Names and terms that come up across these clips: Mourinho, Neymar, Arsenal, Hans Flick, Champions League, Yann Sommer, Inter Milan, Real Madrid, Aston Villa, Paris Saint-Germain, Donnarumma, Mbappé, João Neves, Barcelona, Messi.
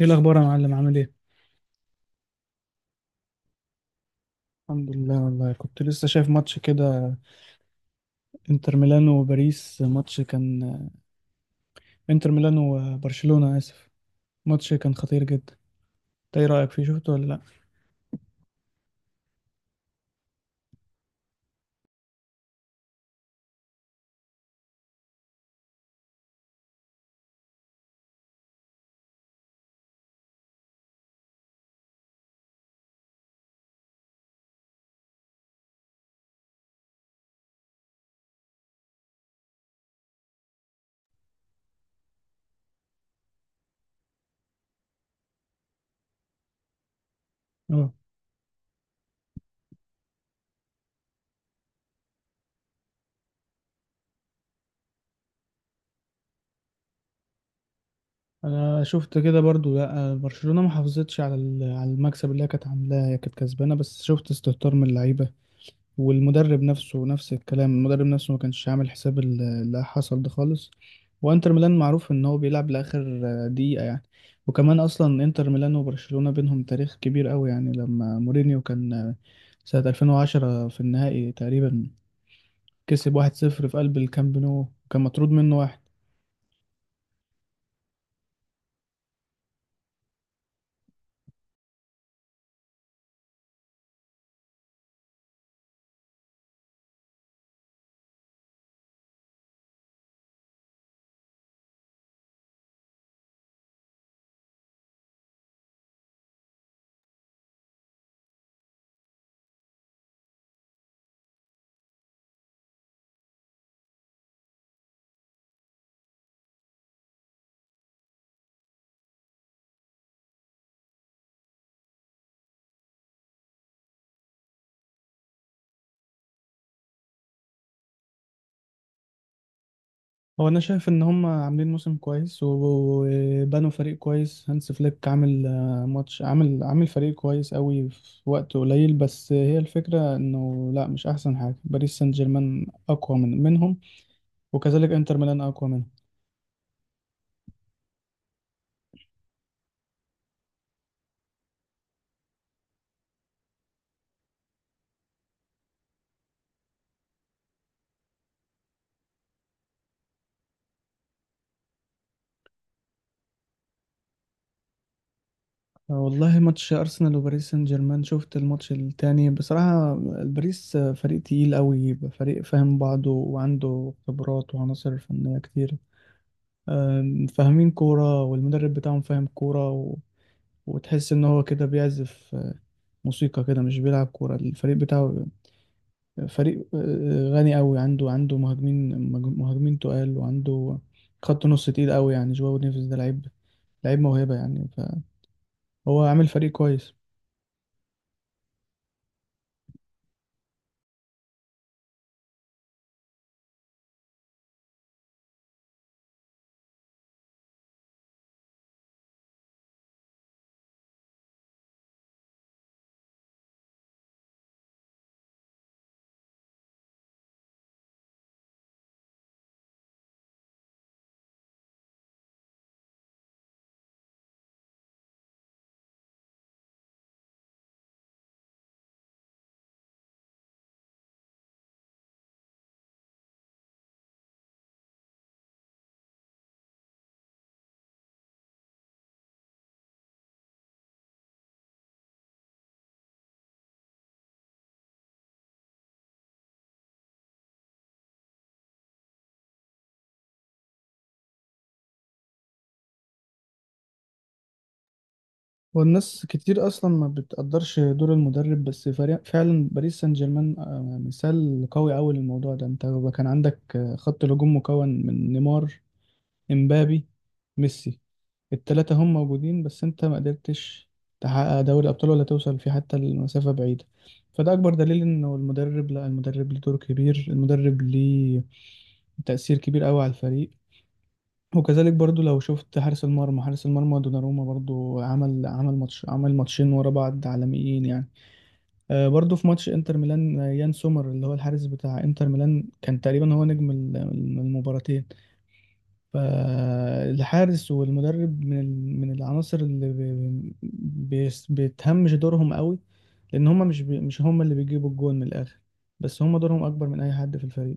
ايه الاخبار يا معلم؟ عامل ايه؟ الحمد لله، والله كنت لسه شايف ماتش كده. انتر ميلانو وباريس، ماتش كان انتر ميلانو وبرشلونة، اسف. ماتش كان خطير جدا. انت ايه رأيك فيه؟ شفته ولا لا؟ اه، انا شفت كده برضو. لا، برشلونة ما حافظتش على على المكسب اللي هي كانت عاملاه، هي كانت كسبانة، بس شفت استهتار من اللعيبة والمدرب نفسه. نفس الكلام، المدرب نفسه ما كانش عامل حساب اللي حصل ده خالص. وانتر ميلان معروف ان هو بيلعب لاخر دقيقة يعني. وكمان اصلا انتر ميلان وبرشلونة بينهم تاريخ كبير قوي، يعني لما مورينيو كان سنة 2010 في النهائي تقريبا، كسب 1-0 في قلب الكامب نو وكان مطرود منه واحد. هو انا شايف ان هم عاملين موسم كويس وبنوا فريق كويس. هانس فليك عامل ماتش، عامل فريق كويس قوي في وقت قليل، بس هي الفكرة انه لا، مش احسن حاجة. باريس سان جيرمان اقوى من منهم، وكذلك انتر ميلان اقوى منهم. والله، ماتش ارسنال وباريس سان جيرمان شفت الماتش التاني بصراحة. باريس فريق تقيل قوي، فريق فاهم بعضه وعنده خبرات وعناصر فنية كتير، فاهمين كورة، والمدرب بتاعهم فاهم كورة. وتحس ان هو كده بيعزف موسيقى كده، مش بيلعب كورة. الفريق بتاعه فريق غني قوي، عنده مهاجمين، مهاجمين تقال، وعنده خط نص تقيل قوي، يعني جواو نيفيز ده لعيب، لعيب موهبة يعني. فهو عامل فريق كويس. والناس كتير اصلا ما بتقدرش دور المدرب، بس فريق فعلا باريس سان جيرمان مثال قوي قوي للموضوع ده. انت كان عندك خط الهجوم مكون من نيمار، امبابي، ميسي، التلاتة هم موجودين، بس انت ما قدرتش تحقق دوري ابطال ولا توصل في حتى المسافة بعيدة. فده اكبر دليل انه المدرب، لا، المدرب ليه دور كبير، المدرب ليه تأثير كبير قوي على الفريق. وكذلك برضو لو شفت حارس المرمى، حارس المرمى دوناروما برضو عمل ماتش، عمل ماتشين ورا بعض عالميين يعني. برضو في ماتش انتر ميلان، يان سومر اللي هو الحارس بتاع انتر ميلان كان تقريبا هو نجم المباراتين. فالحارس والمدرب من من العناصر اللي بتهمش دورهم قوي، لان هما مش هما اللي بيجيبوا الجون من الاخر، بس هما دورهم اكبر من اي حد في الفريق.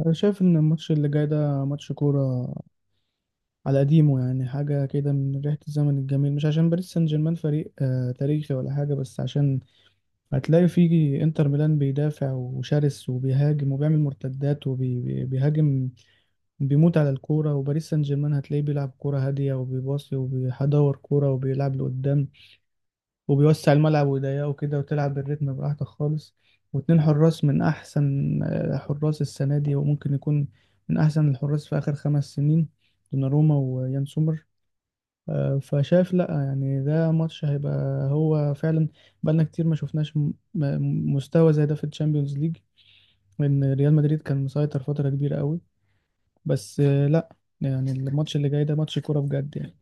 انا شايف ان الماتش اللي جاي ده ماتش كورة على قديمه، يعني حاجة كده من ريحة الزمن الجميل، مش عشان باريس سان جيرمان فريق تاريخي ولا حاجة، بس عشان هتلاقي فيه انتر ميلان بيدافع وشرس وبيهاجم وبيعمل مرتدات وبيهاجم، بيموت على الكورة، وباريس سان جيرمان هتلاقيه بيلعب كورة هادية وبيباصي وبيدور كورة وبيلعب لقدام وبيوسع الملعب ويضيقه كده، وتلعب بالريتم براحتك خالص. واتنين حراس من أحسن حراس السنة دي، وممكن يكون من أحسن الحراس في آخر 5 سنين، دوناروما ويان سومر. فشايف لأ يعني ده ماتش هيبقى، هو فعلا بقالنا كتير ما شفناش مستوى زي ده في الشامبيونز ليج، لأن ريال مدريد كان مسيطر فترة كبيرة قوي. بس لا يعني، الماتش اللي جاي ده ماتش كورة بجد يعني.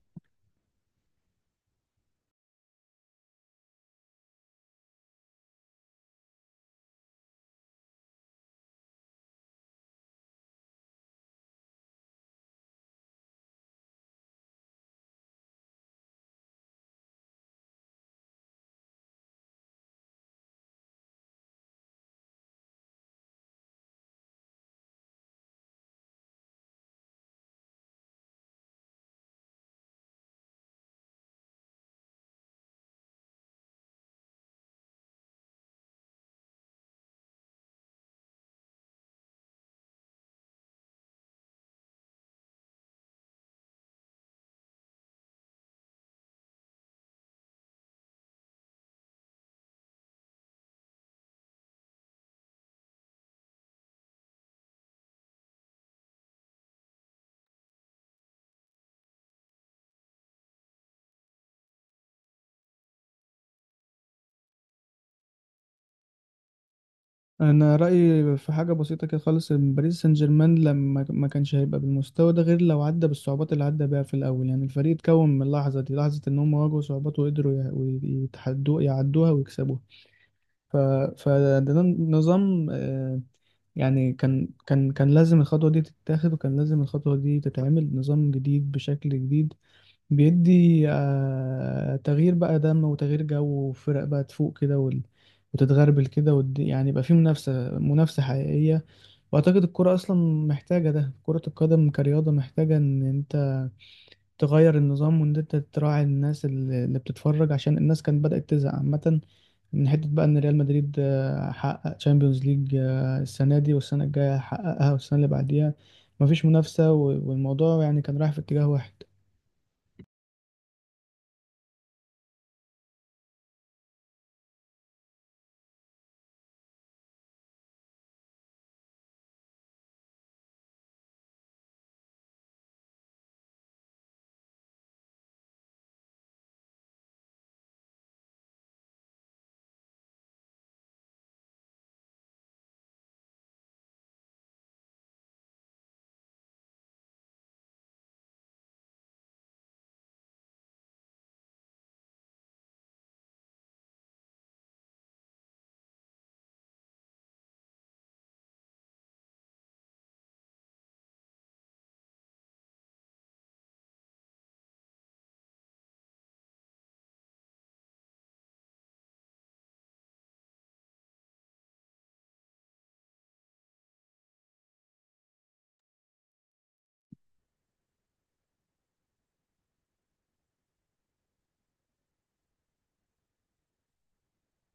انا رأيي في حاجة بسيطة كده خالص، إن باريس سان جيرمان لما ما كانش هيبقى بالمستوى ده غير لو عدى بالصعوبات اللي عدى بيها في الاول. يعني الفريق اتكون من اللحظة دي، لحظة ان هم واجهوا صعوبات وقدروا ويتحدوا يعدوها ويكسبوها. ف... فده نظام يعني، كان لازم الخطوة دي تتاخد، وكان لازم الخطوة دي تتعمل نظام جديد بشكل جديد، بيدي تغيير بقى دم، وتغيير جو، وفرق بقى تفوق كده وتتغربل كده يعني يبقى في منافسة حقيقية. وأعتقد الكرة أصلا محتاجة ده، كرة القدم كرياضة محتاجة إن أنت تغير النظام، وإن أنت تراعي الناس اللي بتتفرج، عشان الناس كانت بدأت تزهق عامة من حتة بقى إن ريال مدريد حقق تشامبيونز ليج السنة دي، والسنة الجاية حققها، والسنة اللي بعديها. مفيش منافسة، والموضوع يعني كان رايح في اتجاه واحد.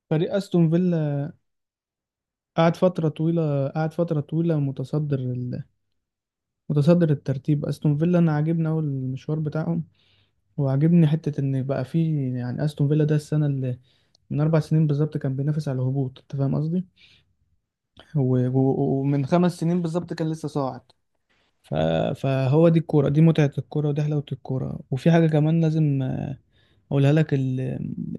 فريق أستون فيلا قعد فترة طويلة متصدر متصدر الترتيب. أستون فيلا أنا عاجبني أوي المشوار بتاعهم، وعاجبني حتة إن بقى فيه يعني أستون فيلا ده السنة اللي من 4 سنين بالظبط كان بينافس على الهبوط. أنت فاهم قصدي؟ ومن 5 سنين بالظبط كان لسه صاعد. ف- فهو دي الكورة، دي متعة الكورة، ودي حلاوة الكورة. وفي حاجة كمان لازم أقولها لك، ال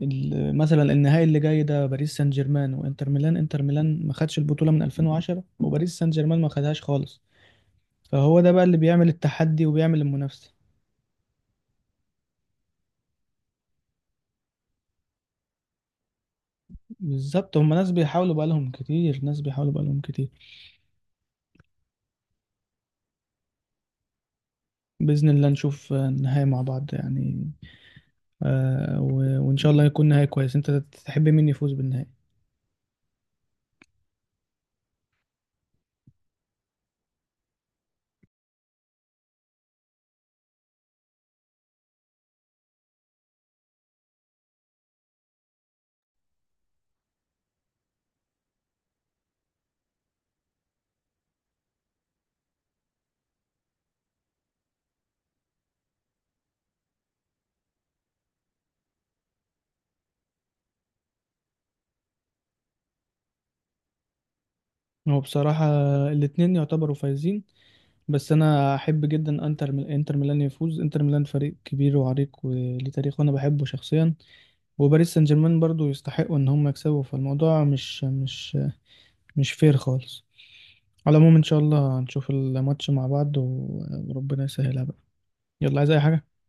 ال مثلا النهائي اللي جاي ده، باريس سان جيرمان وإنتر ميلان. إنتر ميلان ما خدش البطولة من 2010، وباريس سان جيرمان ما خدهاش خالص. فهو ده بقى اللي بيعمل التحدي وبيعمل المنافسة. بالظبط، هما ناس بيحاولوا بقالهم كتير، ناس بيحاولوا بقالهم كتير. بإذن الله نشوف النهائي مع بعض يعني، آه، وإن شاء الله يكون نهائي كويس. أنت تحب مين يفوز بالنهائي؟ هو بصراحة الاتنين يعتبروا فايزين، بس انا احب جدا انتر ميلان يفوز. انتر ميلان فريق كبير وعريق وليه تاريخ وانا بحبه شخصيا، وباريس سان جيرمان برضو يستحقوا ان هم يكسبوا. فالموضوع مش مش فير خالص. على العموم ان شاء الله هنشوف الماتش مع بعض، وربنا يسهلها بقى. يلا، عايز اي حاجة؟